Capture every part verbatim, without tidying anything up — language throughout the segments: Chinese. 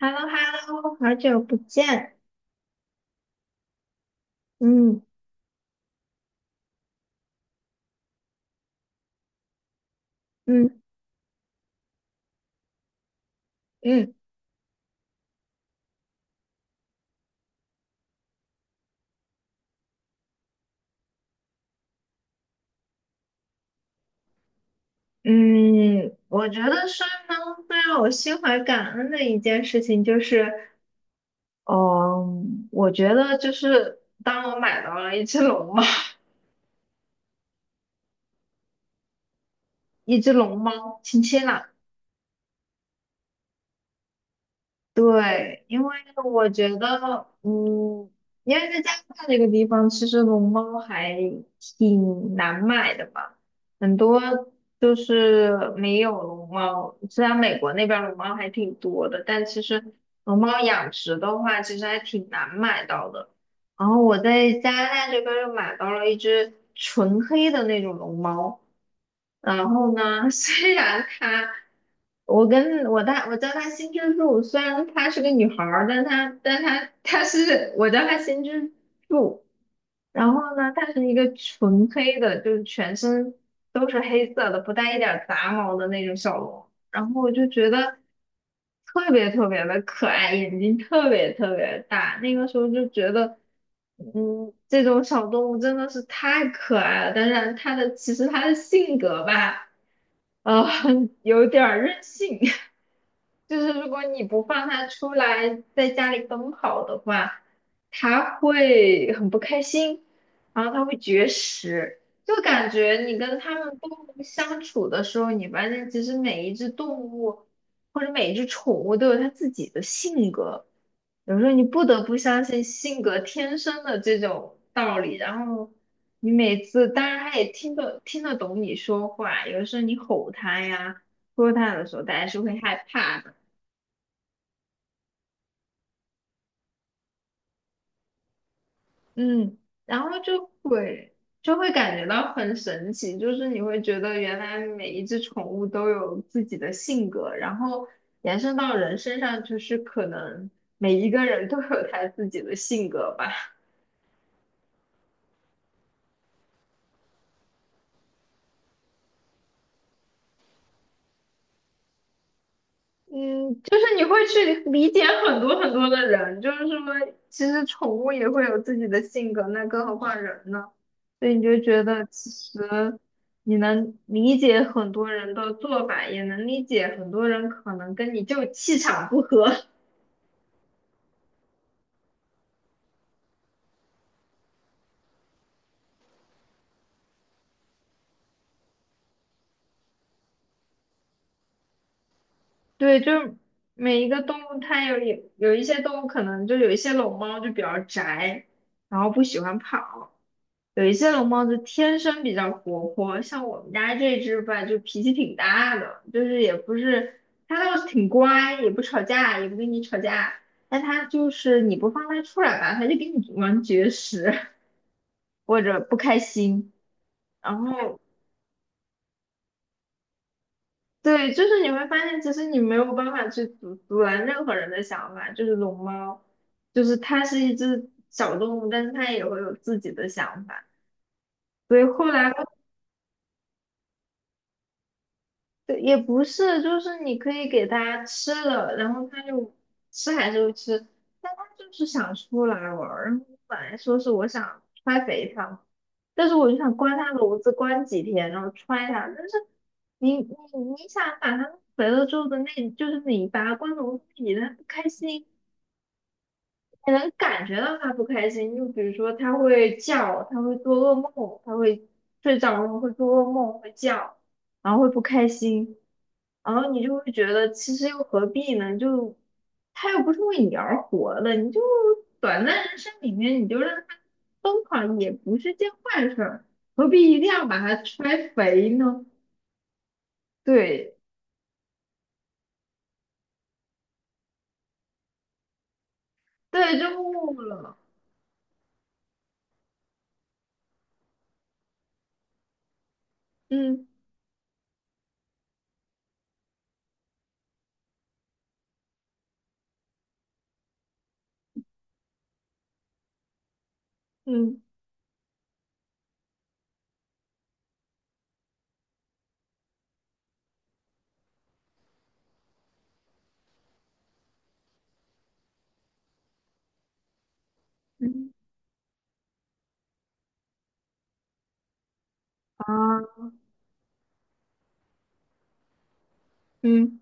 h e l l o hello 好久不见。嗯嗯嗯嗯，我觉得是能最让我心怀感恩的一件事情就是，嗯，我觉得就是当我买到了一只龙猫，一只龙猫，亲亲啦。对，因为我觉得，嗯，因为在加拿大这个地方，其实龙猫还挺难买的嘛，很多就是没有龙猫。虽然美国那边儿龙猫还挺多的，但其实龙猫养殖的话，其实还挺难买到的。然后我在加拿大这边儿又买到了一只纯黑的那种龙猫，然后呢，虽然它。我跟我大我叫她新之助，虽然她是个女孩儿，但她但她她是我叫她新之助。然后呢，她是一个纯黑的，就是全身都是黑色的，不带一点儿杂毛的那种小龙。然后我就觉得特别特别的可爱，眼睛特别特别大。那个时候就觉得，嗯，这种小动物真的是太可爱了。但是它的其实它的性格吧，呃，有点儿任性。就是如果你不放它出来在家里奔跑的话，它会很不开心，然后它会绝食。就感觉你跟它们动物相处的时候，你发现其实每一只动物或者每一只宠物都有它自己的性格，有时候你不得不相信性格天生的这种道理。然后你每次，当然它也听得听得懂你说话，有的时候你吼它呀、说它的时候，它还是会害怕的。嗯，然后就会就会感觉到很神奇，就是你会觉得原来每一只宠物都有自己的性格，然后延伸到人身上，就是可能每一个人都有他自己的性格吧。嗯，就是你会去理解很多很多的人，就是说，其实宠物也会有自己的性格，那更何况人呢？所以你就觉得，其实你能理解很多人的做法，也能理解很多人可能跟你就气场不合。对，就是每一个动物，它有有有一些动物可能就有一些龙猫就比较宅，然后不喜欢跑。有一些龙猫就天生比较活泼，像我们家这只吧，就脾气挺大的，就是也不是，它倒是挺乖，也不吵架，也不跟你吵架，但它就是你不放它出来吧，它就跟你玩绝食 或者不开心，然后对，就是你会发现，其实你没有办法去阻阻拦任何人的想法，就是龙猫，就是它是一只小动物，但是它也会有自己的想法。所以后来对，也不是，就是你可以给它吃了，然后它就吃还是会吃，但它就是想出来玩儿。然后我本来说是我想揣肥它嘛，但是我就想关它笼子关几天，然后揣它。但是你你你想把它弄肥了之后的那，就是你把它关笼子里，它不开心，你能感觉到它不开心。就比如说它会叫，它会做噩梦，它会睡着了会做噩梦，会叫，然后会不开心。然后你就会觉得其实又何必呢？就他又不是为你而活的，你就短暂人生里面你就让他疯狂也不是件坏事儿，何必一定要把它摔肥呢？对对，就悟了，嗯嗯嗯啊，嗯，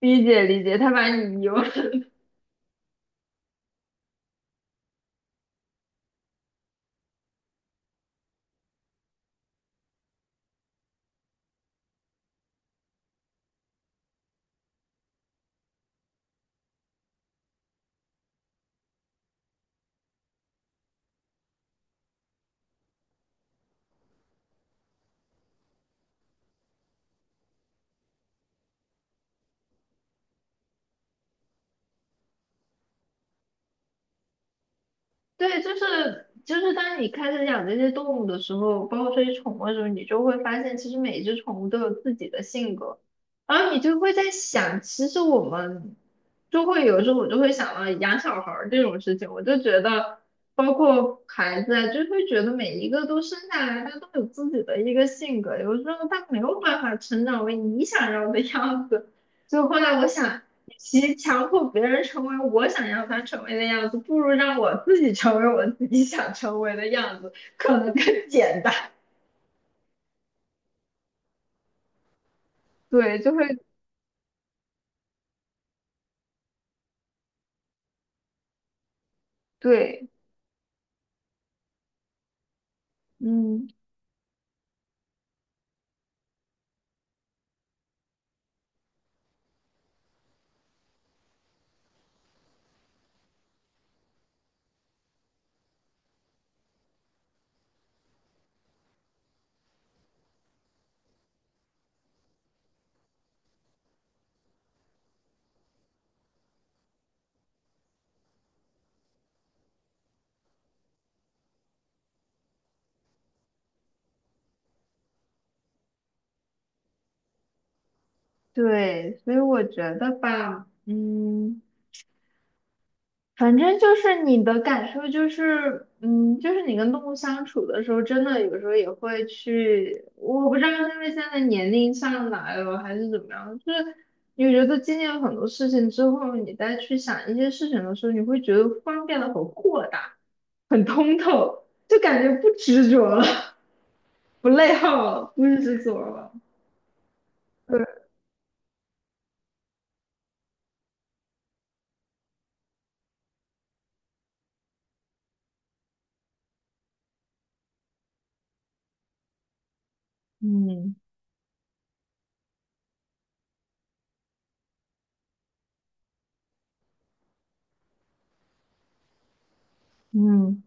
理解理解，他把你遗忘。对，就是就是当你开始养这些动物的时候，包括这些宠物的时候，你就会发现，其实每一只宠物都有自己的性格，然后你就会在想，其实我们就会有时候我就会想到养小孩儿这种事情，我就觉得，包括孩子啊，就会觉得每一个都生下来，他都有自己的一个性格，有时候他没有办法成长为你想要的样子，所以后来我想。其强迫别人成为我想要他成为的样子，不如让我自己成为我自己想成为的样子，可能更简单。对，就会对，嗯，对，所以我觉得吧，嗯。反正就是你的感受就是，嗯，就是你跟动物相处的时候，真的有时候也会去，我不知道是因为现在年龄上来了还是怎么样，就是你觉得经历了很多事情之后，你再去想一些事情的时候，你会觉得方便变得很豁达、很通透，就感觉不执着了，不内耗了，不执着了。对，嗯嗯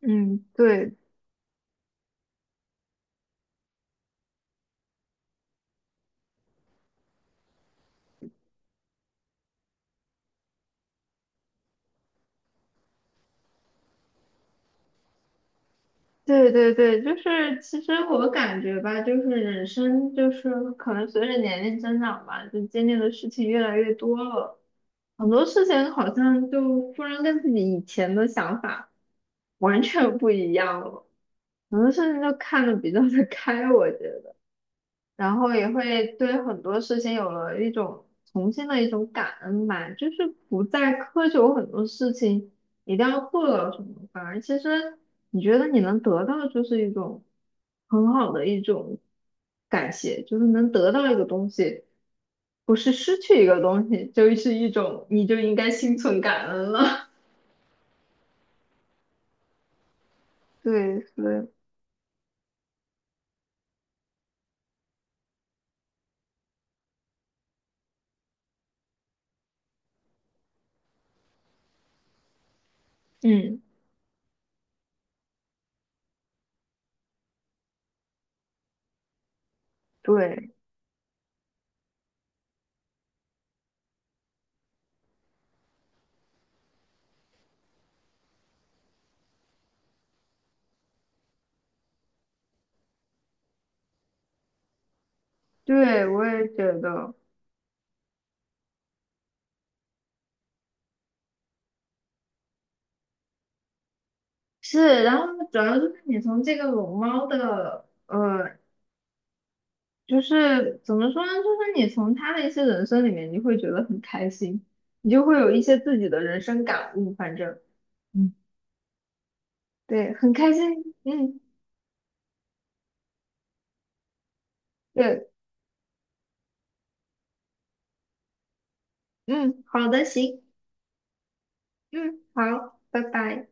嗯，对对对对，就是其实我感觉吧，就是人生就是可能随着年龄增长吧，就经历的事情越来越多了，很多事情好像就突然跟自己以前的想法完全不一样了，很多事情就看得比较的开，我觉得。然后也会对很多事情有了一种重新的一种感恩吧，就是不再苛求很多事情一定要做到什么，反而其实你觉得你能得到就是一种很好的一种感谢，就是能得到一个东西，不是失去一个东西，就是一种你就应该心存感恩了。对对。嗯，对，对，我也觉得。是，然后主要就是你从这个龙猫的，呃，就是怎么说呢？就是你从他的一些人生里面，你会觉得很开心，你就会有一些自己的人生感悟。反正，嗯，对，很开心。嗯，对，嗯，好的，行，嗯，好，拜拜。